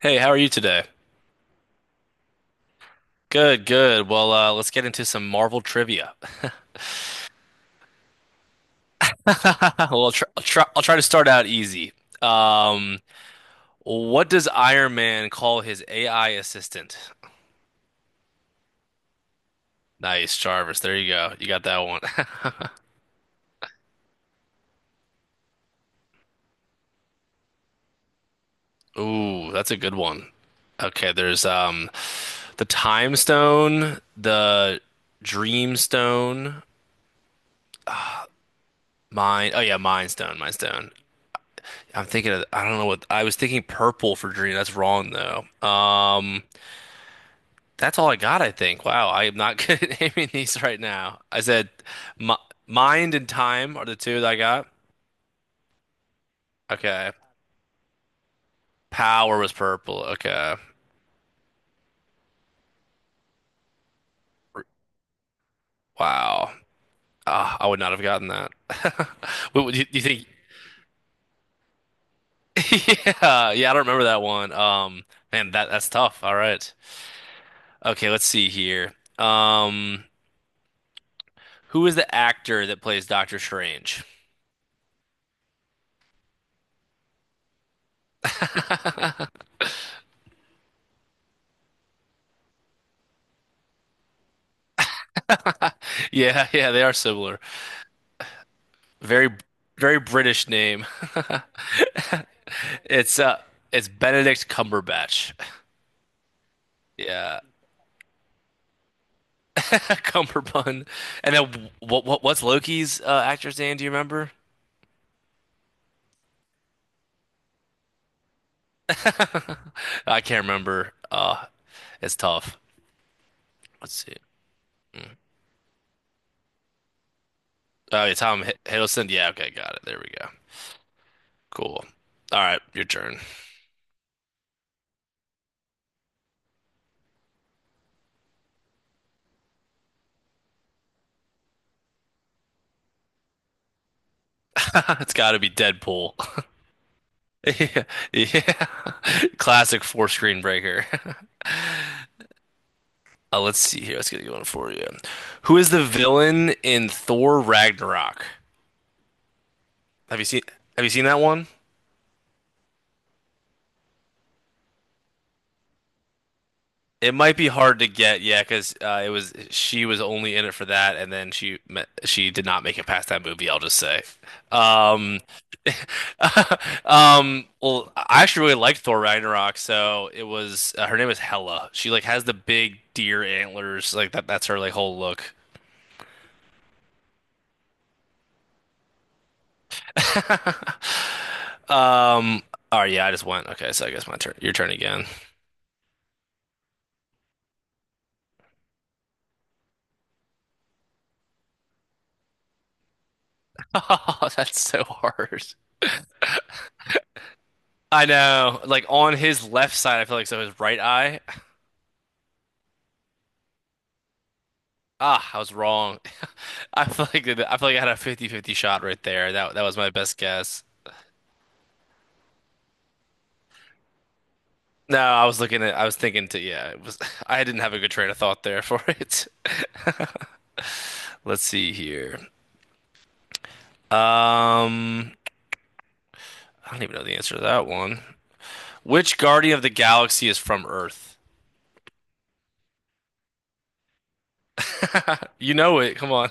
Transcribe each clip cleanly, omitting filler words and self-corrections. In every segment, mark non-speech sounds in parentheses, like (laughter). Hey, how are you today? Good, good. Well, let's get into some Marvel trivia. (laughs) Well, I'll try to start out easy. Um, what does Iron Man call his AI assistant? Nice, Jarvis. There you go. You got that one. (laughs) Ooh, that's a good one. Okay, there's the Time Stone, the Dream Stone, Mind. Oh yeah, Mind Stone, Mind Stone. I'm thinking of, I don't know what I was thinking purple for dream. That's wrong though. That's all I got, I think. Wow, I am not (laughs) good at naming these right now. I said mi mind and time are the two that I got. Okay. Power was purple. Okay. R- Wow. Ah, I would not have gotten that. (laughs) What would you think? (laughs) Yeah, yeah, I don't remember that one. Man, that's tough. All right. Okay, let's see here. Um, who is the actor that plays Doctor Strange? (laughs) Yeah, yeah, they are similar. Very, very British name. (laughs) (laughs) It's uh it's Benedict Cumberbatch. Yeah. (laughs) Cumberbun. And then what what's Loki's actor's name? Do you remember? I can't remember. It's tough. Let's see. Oh, yeah, Hiddleston. Yeah, okay, got it. There we go. Cool. All right, your turn. (laughs) It's got to be Deadpool. (laughs) Yeah, yeah. (laughs) Classic four screen breaker. (laughs) Let's see here. Let's get a good one for you. Who is the villain in Thor Ragnarok? Have you seen Have you seen that one? It might be hard to get, yeah, because it was she was only in it for that, and then she me- she did not make it past that movie. I'll just say, um, (laughs) well, I actually really liked Thor Ragnarok, so it was her name is Hela. She like has the big deer antlers, like that. That's her like whole look. (laughs) Um, oh yeah, I just went. Okay, so I guess my turn. Your turn again. (laughs) Oh, that's so hard. I know, like on his left side, I feel like so his right eye. Ah, I was wrong. (laughs) I feel like I had a 50-50 shot right there. That was my best guess. No, I was thinking to yeah, it was (laughs) I didn't have a good train of thought there for it. (laughs) Let's see here. Um, I don't even know the answer to that one. Which Guardian of the Galaxy is from Earth? (laughs) You know it. Come on.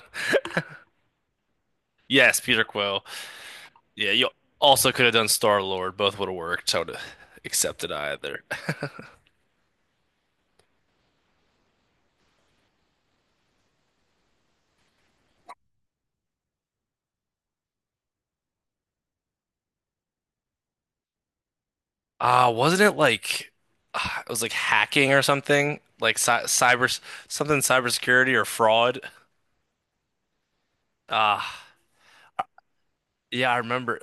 Yes, Peter Quill. Yeah, you also could have done Star Lord. Both would have worked. I would have accepted either. (laughs) Wasn't it like (sighs) it was like hacking or something? Like cy cyber something cybersecurity or fraud? Uh, yeah, I remember.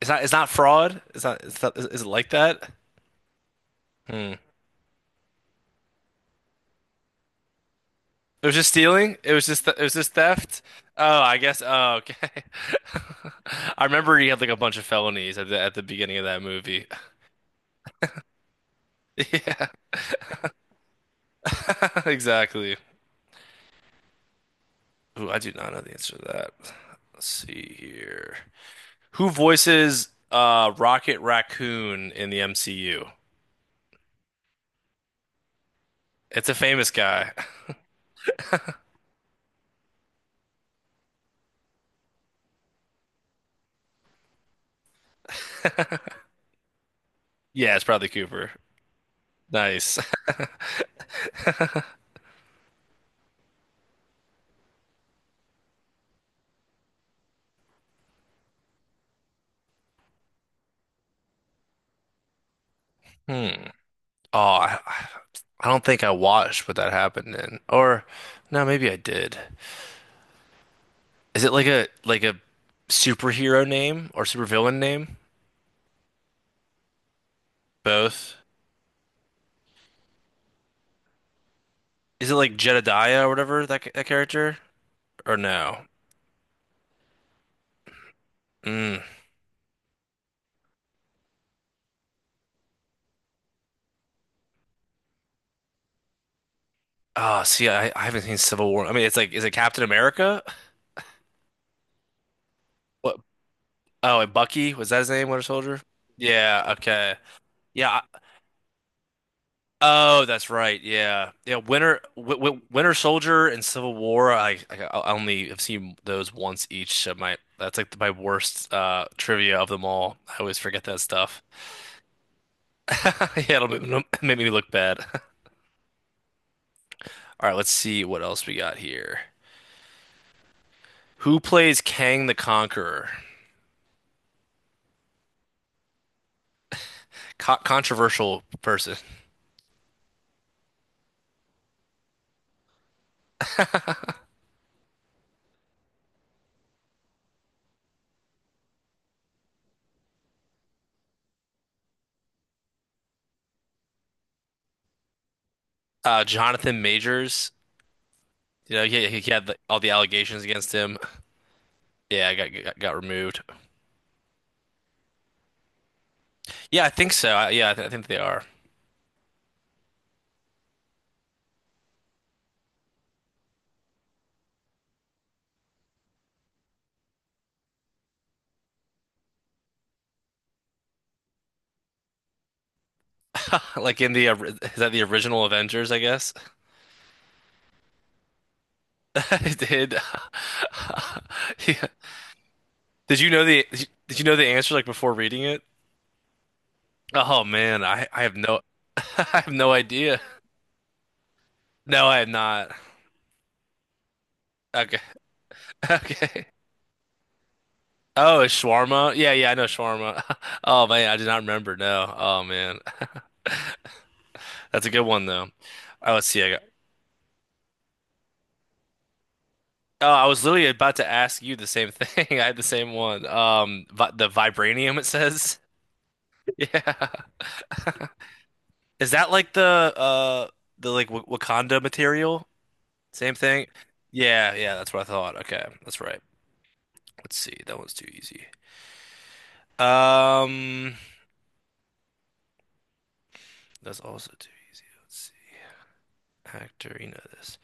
It's not fraud. It's not is it like that? Hmm. It was just stealing? It was just th it was just theft? Oh, I guess. Oh, okay. (laughs) I remember he had like a bunch of felonies at the beginning of that movie. (laughs) Yeah. (laughs) Exactly. Ooh, I do not know the answer to that. Let's see here. Who voices Rocket Raccoon in the MCU? It's a famous guy. (laughs) Yeah, it's probably Cooper. Nice. (laughs) Hmm. Oh, I, I don't think I watched what that happened in. Or no, maybe I did. Is it like a superhero name or supervillain name? Both. Is it like Jedediah or whatever that character? Or no? Mm. Oh, see, I haven't seen Civil War. I mean, it's like is it Captain America? What Oh, and Bucky, was that his name, Winter Soldier? Yeah, okay. Yeah. Oh, that's right. Yeah. Yeah, Winter w w Winter Soldier and Civil War, I I only have seen those once each, so my that's like my worst trivia of them all. I always forget that stuff. (laughs) Yeah, it'll make me look bad. (laughs) All right, let's see what else we got here. Who plays Kang the Conqueror? Co Controversial person. Jonathan Majors. You know, he had the, all the allegations against him. Yeah, I got removed. Yeah, I think so. I, yeah, I, th I think they are. (laughs) Like in the is that the original Avengers, I guess? (laughs) I Did (laughs) yeah. Did you know did you know the answer like before reading it? Oh man, I have no (laughs) I have no idea. No, I have not. Okay. (laughs) Okay. Oh, it's shawarma. Yeah, yeah, I know shawarma. (laughs) Oh man, I did not remember. No. Oh man. (laughs) That's a good one though. Oh, let's see. I Oh, I was literally about to ask you the same thing. (laughs) I had the same one. Vi the vibranium it says. (laughs) Yeah. Is that like the like w Wakanda material? Same thing? Yeah, yeah, that's what I thought. Okay, that's right. Let's see. That one's too easy. Um, that's also too easy. Let's see. Actor, you know this.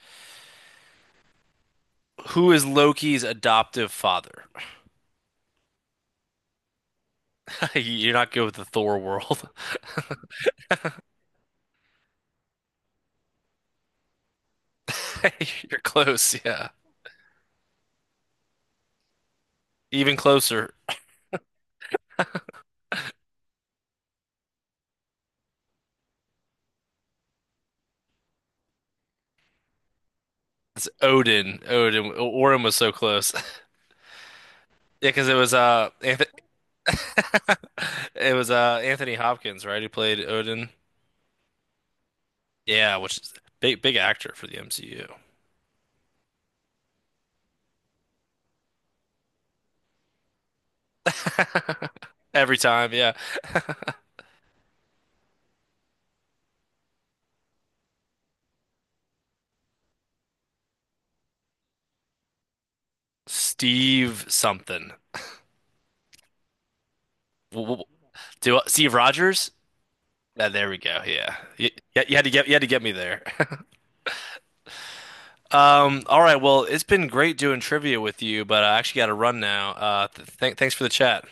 Who is Loki's adoptive father? (laughs) You're not good with the Thor world. (laughs) You're close, yeah. Even closer. It's Odin. Odin. Orin was so close. (laughs) Yeah, because it was Anthony (laughs) it was Anthony Hopkins, right? Who played Odin. Yeah, which is big actor for the MCU. Every time, yeah. Steve something. W- w- Do Steve Rogers? Yeah, there we go. Yeah. You, you had to get me there. (laughs) All right, well, it's been great doing trivia with you, but I actually got to run now. Th thanks for the chat.